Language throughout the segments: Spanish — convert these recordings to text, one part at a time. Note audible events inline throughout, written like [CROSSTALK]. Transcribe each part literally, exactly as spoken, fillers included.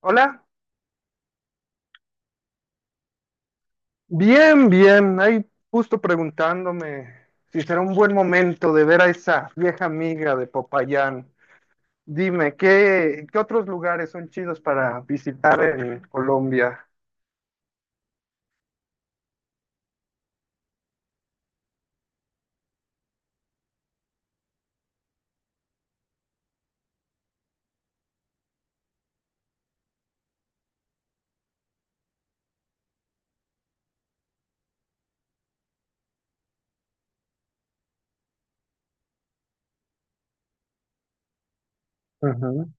Hola, bien, bien. Ahí justo preguntándome si será un buen momento de ver a esa vieja amiga de Popayán. Dime, ¿qué, qué otros lugares son chidos para visitar en Colombia? Ujú.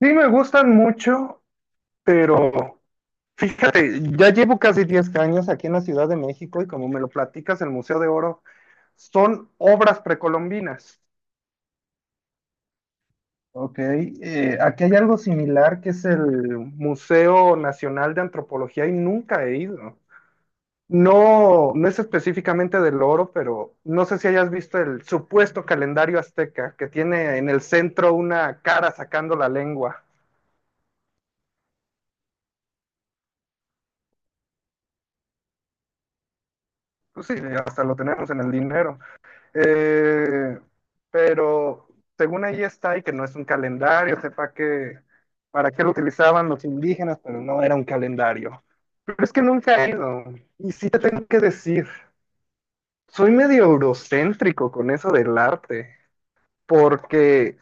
Sí, me gustan mucho, pero fíjate, ya llevo casi diez años aquí en la Ciudad de México y como me lo platicas, el Museo de Oro son obras precolombinas. Ok, eh, aquí hay algo similar que es el Museo Nacional de Antropología y nunca he ido. No, no es específicamente del oro, pero no sé si hayas visto el supuesto calendario azteca que tiene en el centro una cara sacando la lengua. Pues sí, hasta lo tenemos en el dinero. Eh, pero según ahí está y que no es un calendario, sepa que para qué lo utilizaban los indígenas, pero no era un calendario. Pero es que nunca he ido. Y sí te tengo que decir, soy medio eurocéntrico con eso del arte, porque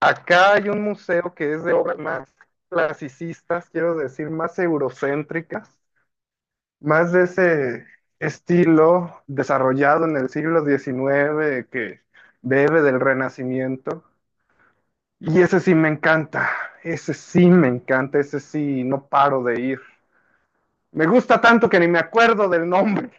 acá hay un museo que es de obras más clasicistas, quiero decir, más eurocéntricas, más de ese estilo desarrollado en el siglo diecinueve que bebe del Renacimiento. Y ese sí me encanta, ese sí me encanta, ese sí no paro de ir. Me gusta tanto que ni me acuerdo del nombre.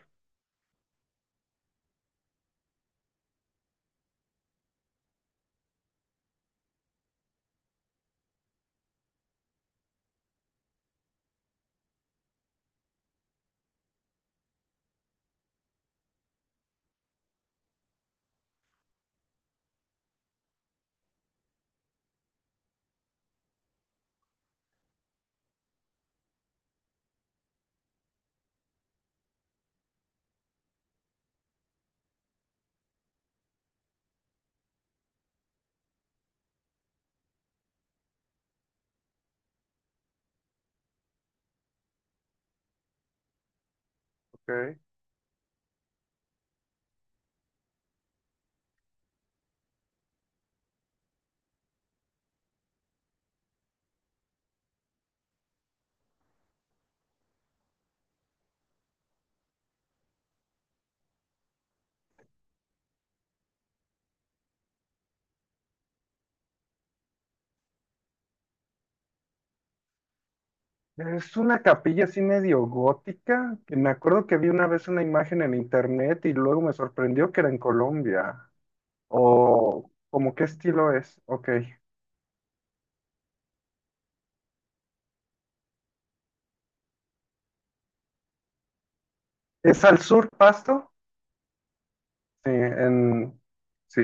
¿Ok? Es una capilla así medio gótica, que me acuerdo que vi una vez una imagen en internet y luego me sorprendió que era en Colombia. O como qué estilo es, ok. ¿Es al sur Pasto? Sí, en... Sí,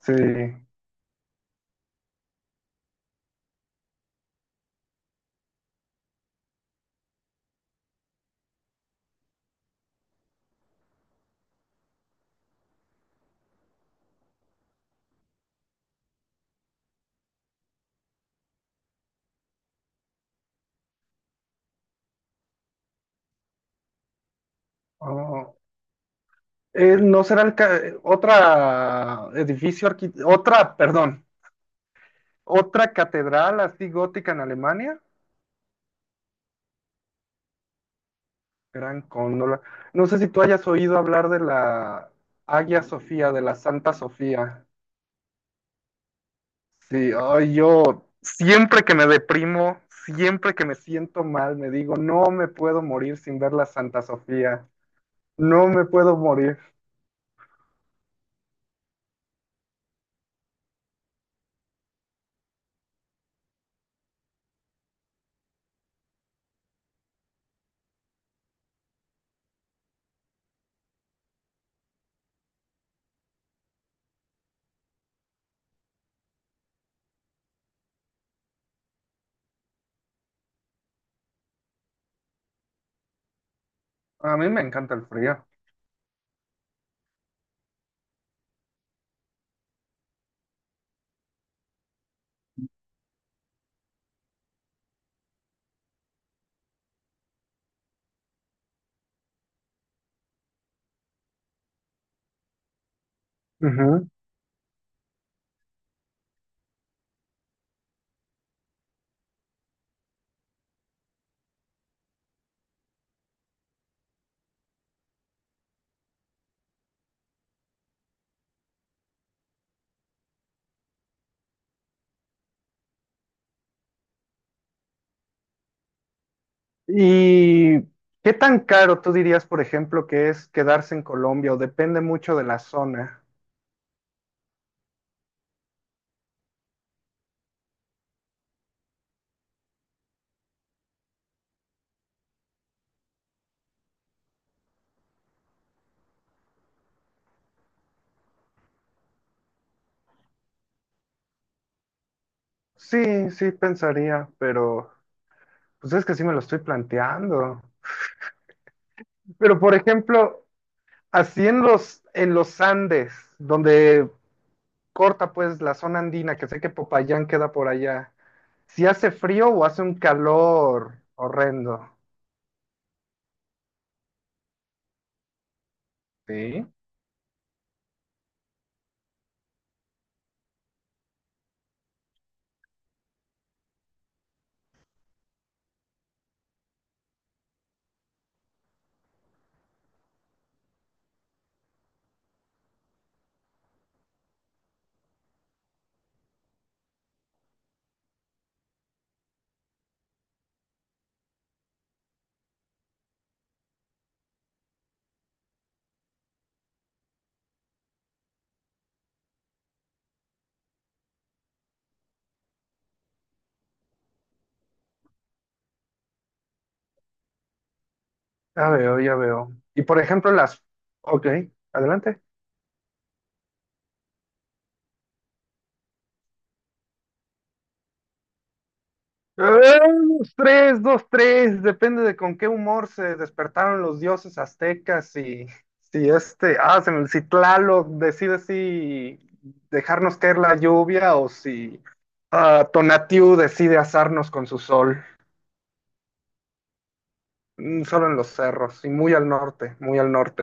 sí. Oh, eh, ¿no será el ca- eh, otra edificio, arqui- otra, perdón, otra catedral así gótica en Alemania? Gran Cóndola. No sé si tú hayas oído hablar de la Hagia Sofía, de la Santa Sofía. Sí, ay, yo siempre que me deprimo, siempre que me siento mal, me digo, no me puedo morir sin ver la Santa Sofía, no me puedo morir. A mí me encanta el frío. Ujú. ¿Y qué tan caro tú dirías, por ejemplo, que es quedarse en Colombia o depende mucho de la zona? Sí, sí, pensaría, pero pues es que sí me lo estoy planteando. Pero, por ejemplo, así en los, en los Andes, donde corta pues la zona andina, que sé que Popayán queda por allá, si hace frío o hace un calor horrendo. Sí. Ya veo, ya veo. Y por ejemplo las... Ok, adelante. ¡Eh! Dos, tres, dos, tres, depende de con qué humor se despertaron los dioses aztecas y si este, ah, se si Tlaloc decide si dejarnos caer la lluvia o si ah, Tonatiuh decide asarnos con su sol. Mm, solo en los cerros y muy al norte, muy al norte.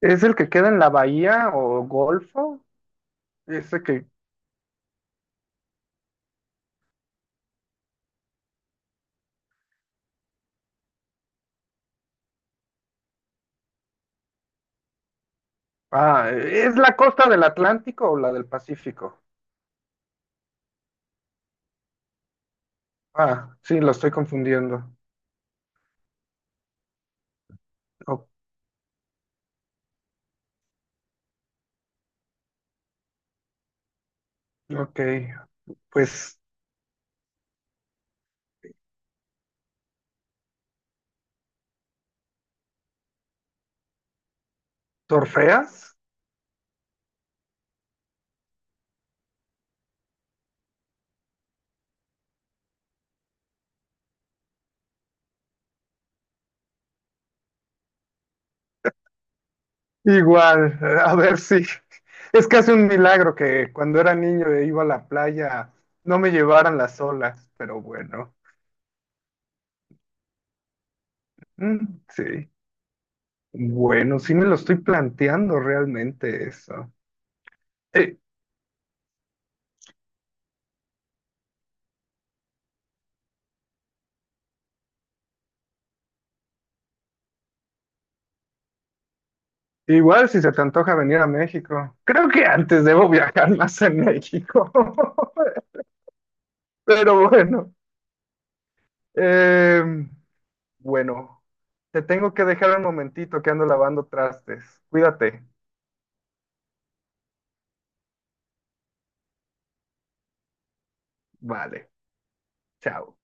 ¿Es el que queda en la bahía o Golfo? Ese que... Ah, ¿es la costa del Atlántico o la del Pacífico? Ah, sí, lo estoy confundiendo. O- ok, pues ¿torfeas? Igual, a ver si... [LAUGHS] Es casi un milagro que cuando era niño e iba a la playa no me llevaran las olas, pero bueno, mm, sí. Bueno, sí me lo estoy planteando realmente eso. Eh, Igual si se te antoja venir a México. Creo que antes debo viajar [LAUGHS] más en México. [LAUGHS] Pero bueno, eh, bueno, te tengo que dejar un momentito que ando lavando trastes. Cuídate. Vale, chao.